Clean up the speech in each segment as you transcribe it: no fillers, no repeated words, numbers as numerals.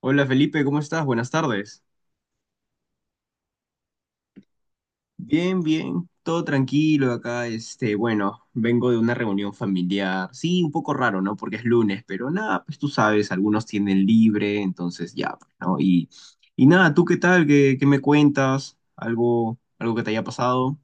Hola Felipe, ¿cómo estás? Buenas tardes. Bien, bien, todo tranquilo acá. Bueno, vengo de una reunión familiar. Sí, un poco raro, ¿no? Porque es lunes, pero nada, pues tú sabes, algunos tienen libre, entonces ya, pues, ¿no? Y nada, ¿tú qué tal? ¿Qué me cuentas? ¿Algo que te haya pasado?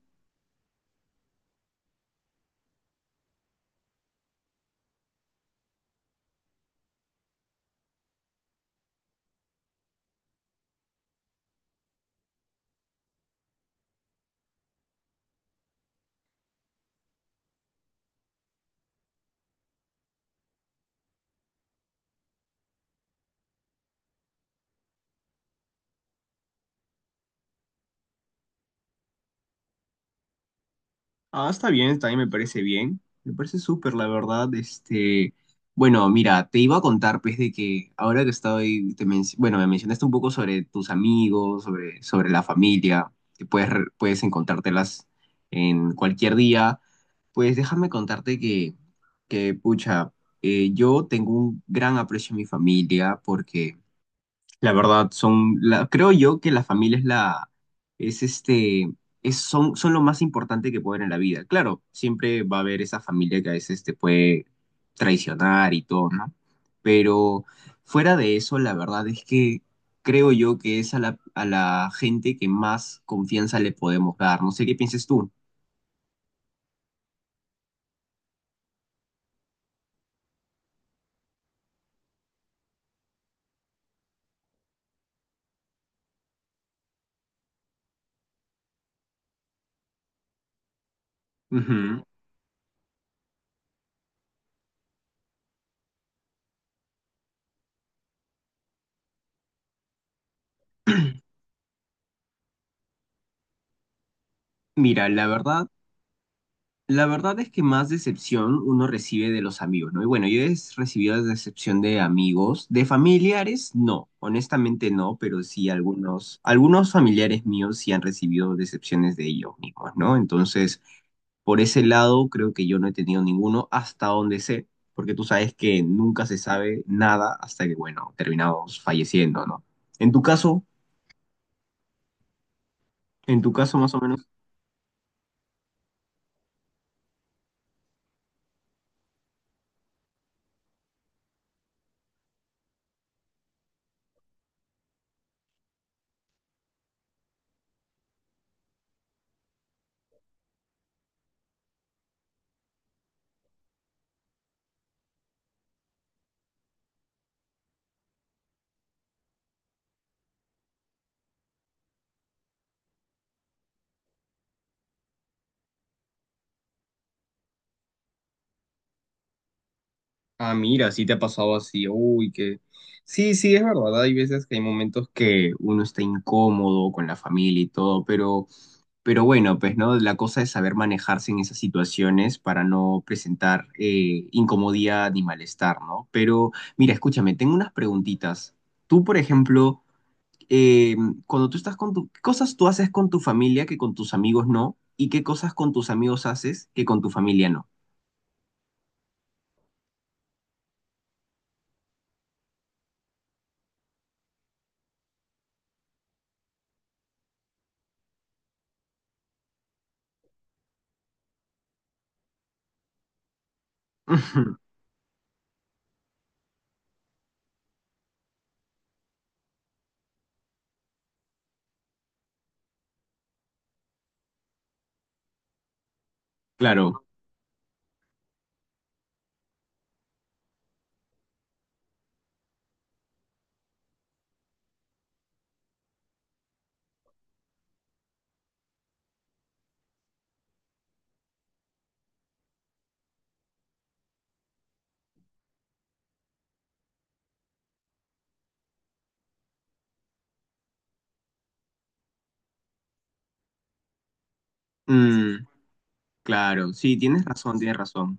Ah, está bien, también me parece bien. Me parece súper, la verdad. Bueno, mira, te iba a contar, pues, de que ahora que estoy, bueno, me mencionaste un poco sobre tus amigos, sobre la familia, que puedes, puedes encontrártelas en cualquier día. Pues déjame contarte que pucha, yo tengo un gran aprecio a mi familia porque la verdad, creo yo que la familia es este, son lo más importante que pueden en la vida. Claro, siempre va a haber esa familia que a veces te puede traicionar y todo, ¿no? Pero fuera de eso, la verdad es que creo yo que es a la gente que más confianza le podemos dar. No sé qué pienses tú. Ujú. Mira, la verdad. La verdad es que más decepción uno recibe de los amigos, ¿no? Y bueno, yo he recibido decepción de amigos, de familiares, no, honestamente no, pero sí algunos familiares míos sí han recibido decepciones de ellos mismos, ¿no? Entonces, por ese lado, creo que yo no he tenido ninguno hasta donde sé, porque tú sabes que nunca se sabe nada hasta que, bueno, terminamos falleciendo, ¿no? En tu caso, en tu caso más o menos, ah, mira, sí te ha pasado así. Uy, que... Sí, sí, es verdad. Hay veces que hay momentos que uno está incómodo con la familia y todo, pero bueno, pues, ¿no? La cosa es saber manejarse en esas situaciones para no presentar incomodidad ni malestar, ¿no? Pero, mira, escúchame, tengo unas preguntitas. Tú, por ejemplo, eh, cuando tú estás con tu... ¿Qué cosas tú haces con tu familia que con tus amigos no? ¿Y qué cosas con tus amigos haces que con tu familia no? Claro. Mm, claro, sí, tienes razón, tienes razón.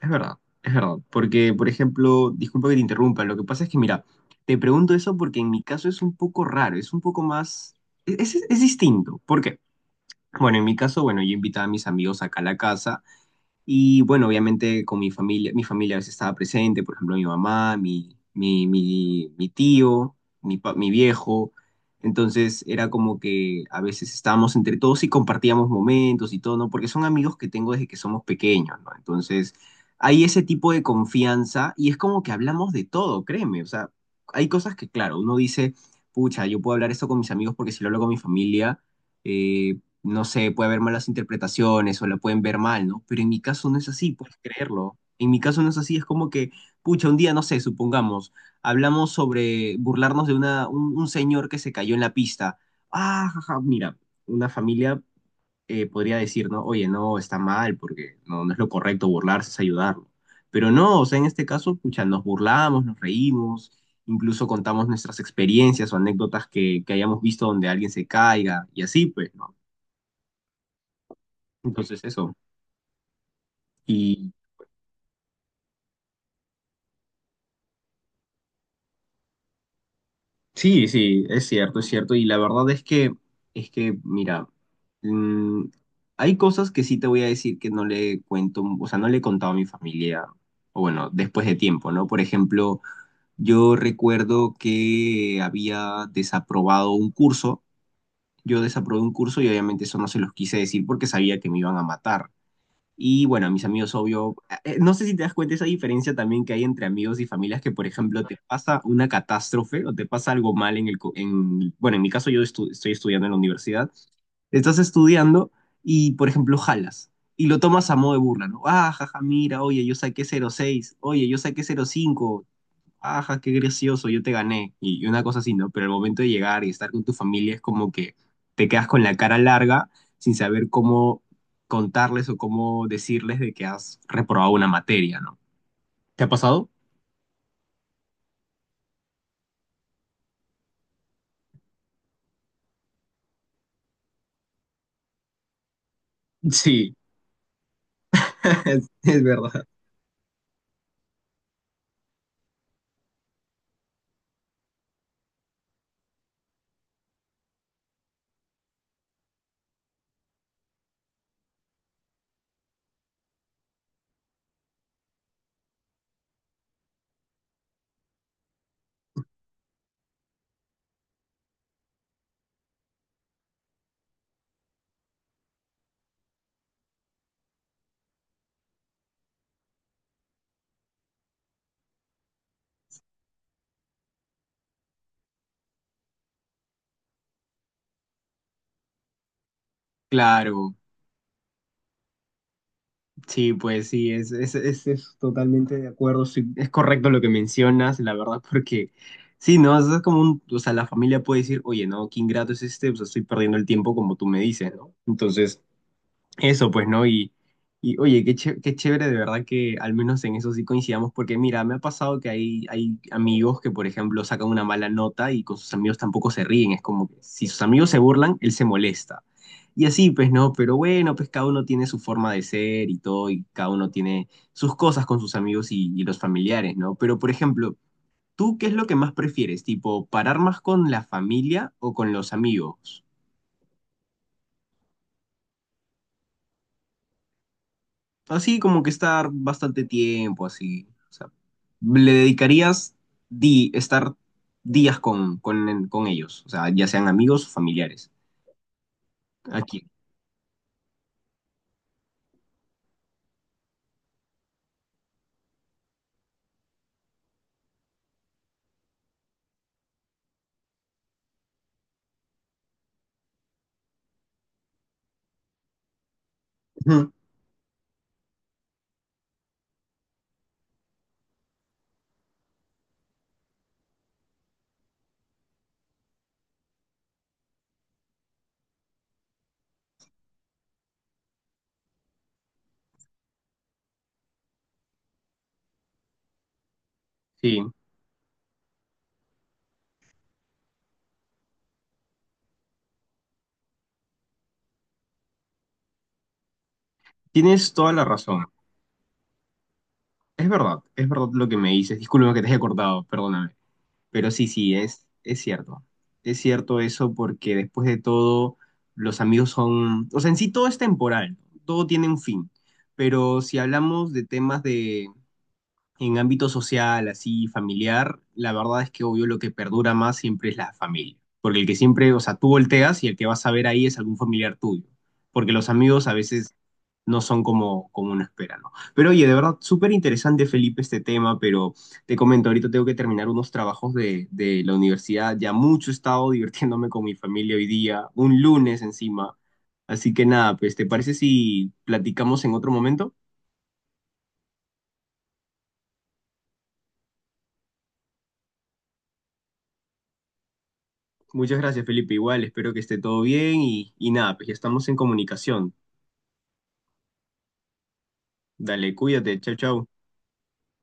Es verdad, es verdad. Porque, por ejemplo, disculpa que te interrumpa, lo que pasa es que, mira, te pregunto eso porque en mi caso es un poco raro, es un poco más, es distinto. ¿Por qué? Bueno, en mi caso, bueno, yo invitaba a mis amigos acá a la casa y bueno, obviamente con mi familia a veces estaba presente, por ejemplo, mi mamá, mi tío, mi viejo. Entonces era como que a veces estábamos entre todos y compartíamos momentos y todo, ¿no? Porque son amigos que tengo desde que somos pequeños, ¿no? Entonces hay ese tipo de confianza y es como que hablamos de todo, créeme. O sea, hay cosas que, claro, uno dice, pucha, yo puedo hablar esto con mis amigos porque si lo hablo con mi familia eh, no sé, puede haber malas interpretaciones o la pueden ver mal, ¿no? Pero en mi caso no es así, puedes creerlo. En mi caso no es así, es como que, pucha, un día, no sé, supongamos, hablamos sobre burlarnos de un señor que se cayó en la pista. Ah, jaja, mira, una familia podría decir, ¿no? Oye, no, está mal, porque no, no es lo correcto burlarse, es ayudarlo. Pero no, o sea, en este caso, pucha, nos burlamos, nos reímos, incluso contamos nuestras experiencias o anécdotas que hayamos visto donde alguien se caiga, y así, pues, ¿no? Entonces eso. Y sí, sí, es cierto, es cierto. Y la verdad es que, mira, mm, hay cosas que sí te voy a decir que no le cuento, o sea, no le he contado a mi familia, o bueno, después de tiempo, ¿no? Por ejemplo, yo recuerdo que había desaprobado un curso, yo desaprobé un curso y obviamente eso no se los quise decir porque sabía que me iban a matar. Y bueno, a mis amigos, obvio, no sé si te das cuenta esa diferencia también que hay entre amigos y familias que, por ejemplo, te pasa una catástrofe o te pasa algo mal en bueno, en mi caso estoy estudiando en la universidad, estás estudiando y, por ejemplo, jalas y lo tomas a modo de burla, ¿no? Ah, jaja, mira, oye, yo saqué cero coma seis, oye, yo saqué cero coma cinco, ajá, qué gracioso, yo te gané, y una cosa así, ¿no? Pero al momento de llegar y estar con tu familia es como que te quedas con la cara larga sin saber cómo contarles o cómo decirles de que has reprobado una materia, ¿no? ¿Te ha pasado? Sí, es verdad. Claro, sí, pues sí, es totalmente de acuerdo, sí, es correcto lo que mencionas, la verdad, porque sí, ¿no? Es como un, o sea, la familia puede decir, oye, no, qué ingrato es este, o sea, estoy perdiendo el tiempo como tú me dices, ¿no? Entonces, eso, pues, ¿no? Y oye, qué chévere, de verdad que al menos en eso sí coincidamos, porque mira, me ha pasado que hay amigos que, por ejemplo, sacan una mala nota y con sus amigos tampoco se ríen, es como que si sus amigos se burlan, él se molesta. Y así, pues, ¿no? Pero bueno, pues cada uno tiene su forma de ser y todo, y cada uno tiene sus cosas con sus amigos y los familiares, ¿no? Pero, por ejemplo, ¿tú qué es lo que más prefieres? ¿Tipo, parar más con la familia o con los amigos? Así como que estar bastante tiempo, así. O sea, le dedicarías di estar días con ellos, o sea, ya sean amigos o familiares. Aquí. Ujú. Sí, tienes toda la razón. Es verdad lo que me dices. Disculpa que te haya cortado, perdóname. Pero sí, sí, es cierto. Es cierto eso porque después de todo, los amigos son... O sea, en sí todo es temporal, todo tiene un fin. Pero si hablamos de temas de en ámbito social, así, familiar, la verdad es que obvio lo que perdura más siempre es la familia. Porque el que siempre, o sea, tú volteas y el que vas a ver ahí es algún familiar tuyo. Porque los amigos a veces no son como, como uno espera, ¿no? Pero oye, de verdad, súper interesante, Felipe, este tema, pero te comento, ahorita tengo que terminar unos trabajos de la universidad. Ya mucho he estado divirtiéndome con mi familia hoy día, un lunes encima. Así que nada, pues, ¿te parece si platicamos en otro momento? Muchas gracias, Felipe. Igual, espero que esté todo bien y nada, pues ya estamos en comunicación. Dale, cuídate. Chau, chau.